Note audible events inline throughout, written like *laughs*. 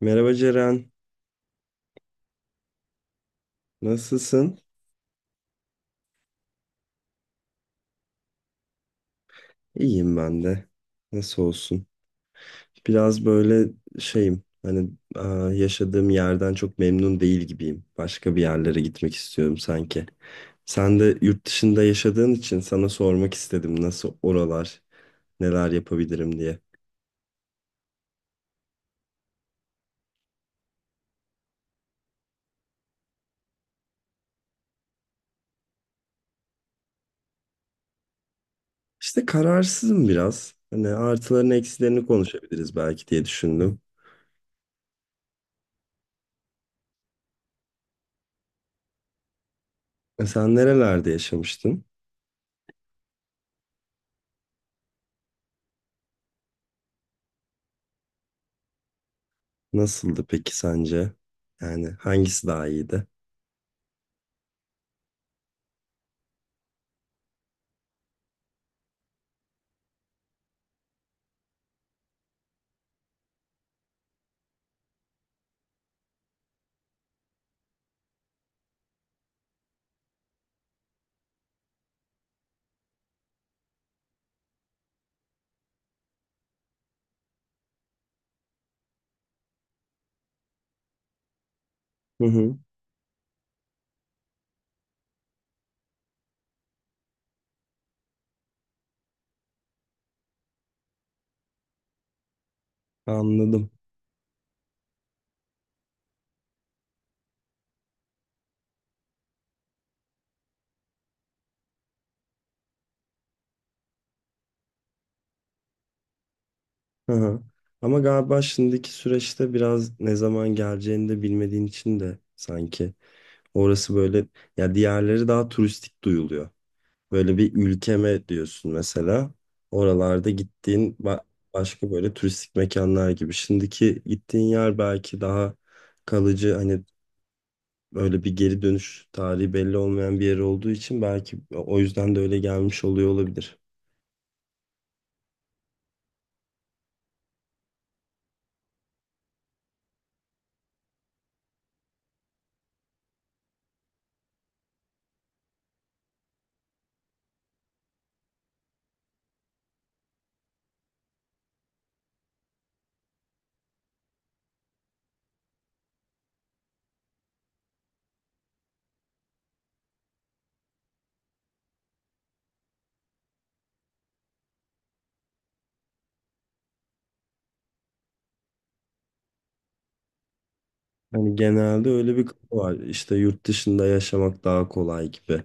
Merhaba Ceren, nasılsın? İyiyim ben de. Nasıl olsun? Biraz böyle şeyim, hani aa, yaşadığım yerden çok memnun değil gibiyim. Başka bir yerlere gitmek istiyorum sanki. Sen de yurt dışında yaşadığın için sana sormak istedim nasıl oralar, neler yapabilirim diye. İşte kararsızım biraz. Hani artılarını eksilerini konuşabiliriz belki diye düşündüm. Sen nerelerde yaşamıştın? Nasıldı peki sence? Yani hangisi daha iyiydi? Hı hı. Anladım. Hı hı. Ama galiba şimdiki süreçte biraz ne zaman geleceğini de bilmediğin için de sanki orası böyle ya diğerleri daha turistik duyuluyor. Böyle bir ülkeme diyorsun mesela. Oralarda gittiğin başka böyle turistik mekanlar gibi. Şimdiki gittiğin yer belki daha kalıcı hani böyle bir geri dönüş tarihi belli olmayan bir yer olduğu için belki o yüzden de öyle gelmiş oluyor olabilir. Hani genelde öyle bir kafa var. İşte yurt dışında yaşamak daha kolay gibi.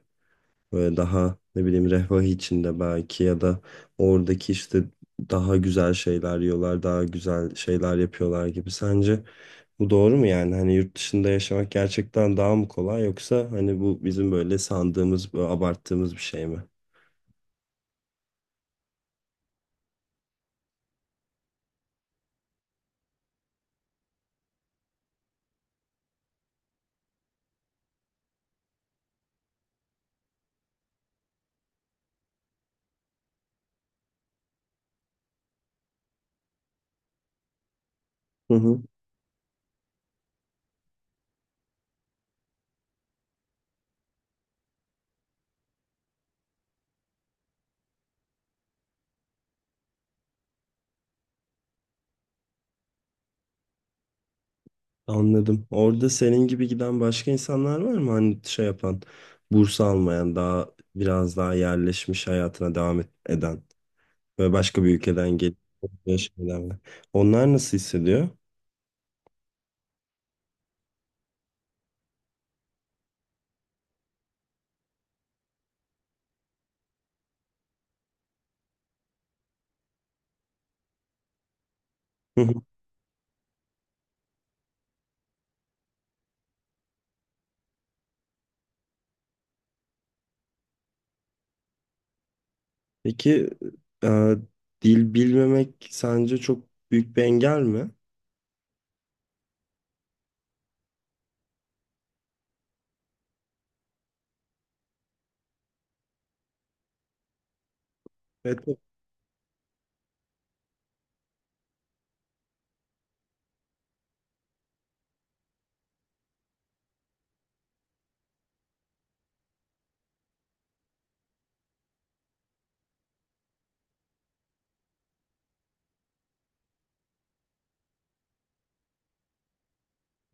Böyle daha ne bileyim refah içinde belki ya da oradaki işte daha güzel şeyler yiyorlar, daha güzel şeyler yapıyorlar gibi. Sence bu doğru mu yani? Hani yurt dışında yaşamak gerçekten daha mı kolay yoksa hani bu bizim böyle sandığımız, böyle abarttığımız bir şey mi? Hı hı. Anladım. Orada senin gibi giden başka insanlar var mı? Hani şey yapan, burs almayan, daha biraz daha yerleşmiş hayatına eden ve başka bir ülkeden gelip yaşayanlar. Onlar nasıl hissediyor? Hı hı. Peki e, dil bilmemek sence çok büyük bir engel mi? Evet.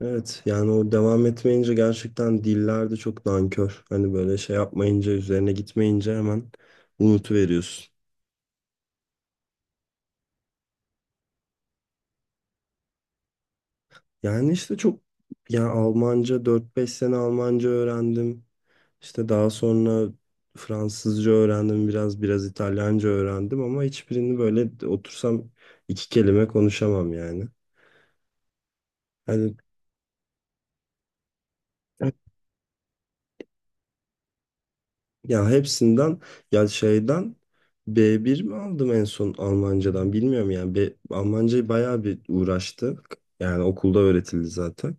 Evet. Yani o devam etmeyince gerçekten diller de çok nankör. Hani böyle şey yapmayınca, üzerine gitmeyince hemen unutuveriyorsun. Yani işte çok yani Almanca dört beş sene Almanca öğrendim. İşte daha sonra Fransızca öğrendim biraz İtalyanca öğrendim ama hiçbirini böyle otursam iki kelime konuşamam yani. Hani ya hepsinden ya şeyden B1 mi aldım en son Almancadan bilmiyorum yani B, Almancayı bayağı bir uğraştık. Yani okulda öğretildi zaten.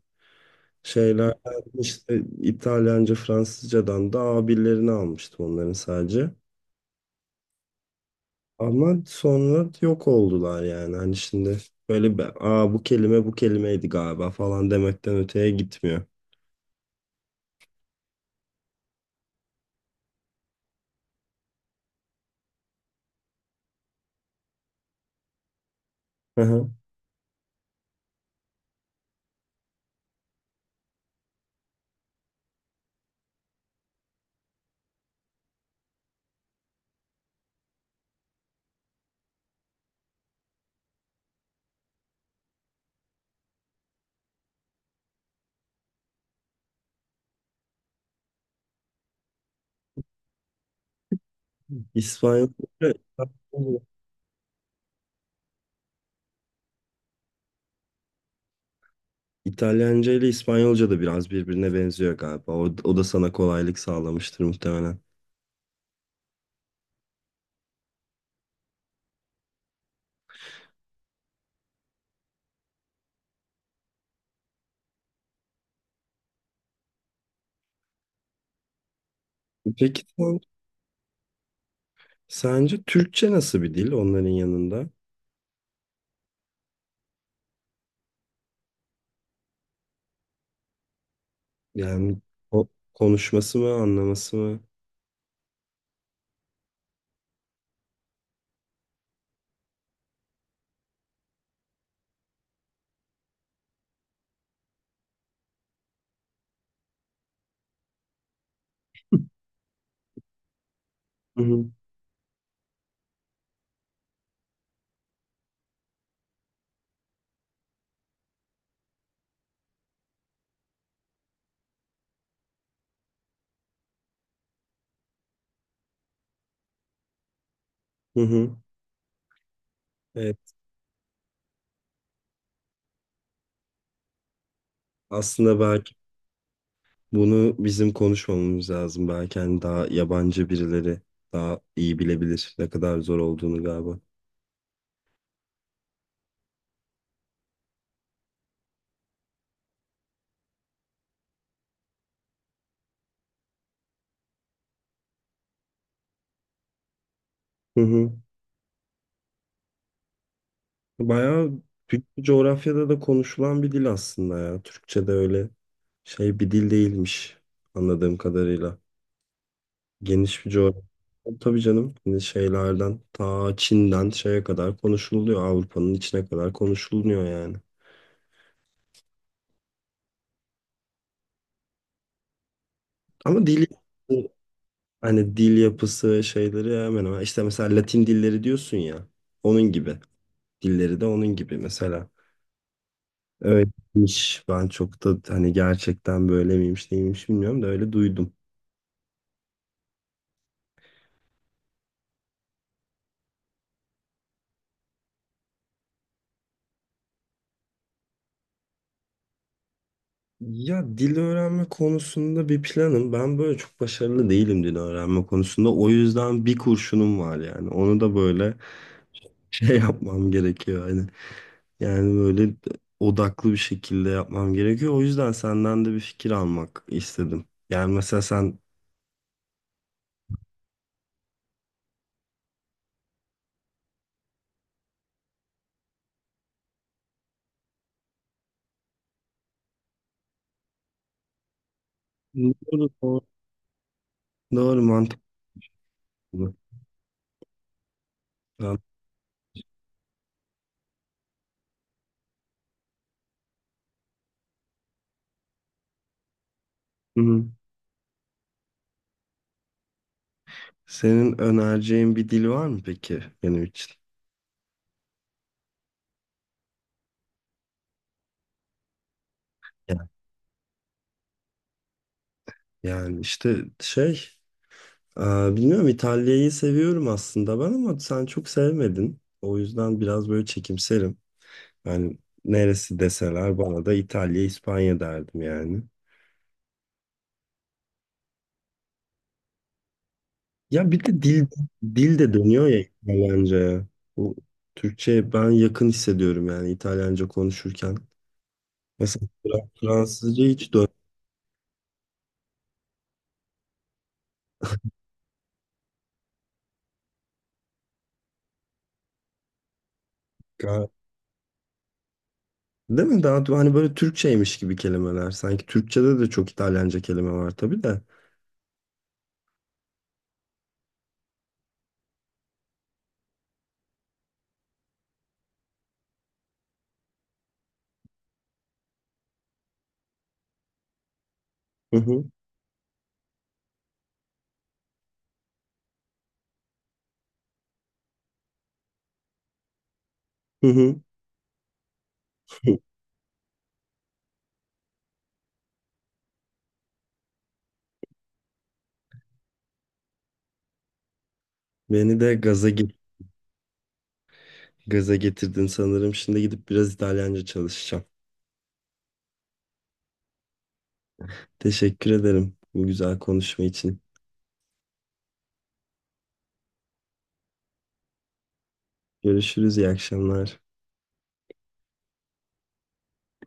Şeyler işte İtalyanca, Fransızcadan da A1'lerini almıştım onların sadece. Ama sonra yok oldular yani. Hani şimdi böyle bir, aa bu kelime bu kelimeydi galiba falan demekten öteye gitmiyor. Hı hı. İspanyolca, İtalyanca ile İspanyolca da biraz birbirine benziyor galiba. O da sana kolaylık sağlamıştır muhtemelen. Peki sen- Sence Türkçe nasıl bir dil onların yanında? Yani o, konuşması mı, anlaması mı? Hı hı. Hı hı. Evet, aslında belki bunu bizim konuşmamamız lazım. Belki hani daha yabancı birileri daha iyi bilebilir ne kadar zor olduğunu galiba. Hı hı. Bayağı büyük bir coğrafyada da konuşulan bir dil aslında ya. Türkçe de öyle şey bir dil değilmiş anladığım kadarıyla. Geniş bir coğrafya. Tabii canım hani şeylerden ta Çin'den şeye kadar konuşuluyor. Avrupa'nın içine kadar konuşuluyor yani. Ama dili hani dil yapısı şeyleri hemen hemen. İşte mesela Latin dilleri diyorsun ya. Onun gibi. Dilleri de onun gibi mesela. Öyleymiş. Ben çok da hani gerçekten böyle miymiş neymiş bilmiyorum da öyle duydum. Ya dil öğrenme konusunda bir planım. Ben böyle çok başarılı değilim dil öğrenme konusunda. O yüzden bir kurşunum var yani. Onu da böyle şey *laughs* yapmam gerekiyor. Hani yani böyle odaklı bir şekilde yapmam gerekiyor. O yüzden senden de bir fikir almak istedim. Yani mesela sen doğru, doğru mantıklı. Tamam. Hı hı. Senin önereceğin bir dil var mı peki benim için? Ya- Yani işte şey, e, bilmiyorum İtalya'yı seviyorum aslında ben ama sen çok sevmedin. O yüzden biraz böyle çekimserim. Yani neresi deseler bana da İtalya, İspanya derdim yani. Ya bir de dil de dönüyor ya İtalyanca'ya. Bu Türkçe ben yakın hissediyorum yani İtalyanca konuşurken. Fransızca hiç dön. Değil mi? Daha hani böyle Türkçeymiş gibi kelimeler. Sanki Türkçede de çok İtalyanca kelime var tabii de. Hı hı. Hı hı. Beni de gaza ge- gaza getirdin sanırım. Şimdi gidip biraz İtalyanca çalışacağım. Teşekkür ederim bu güzel konuşma için. Görüşürüz, iyi akşamlar.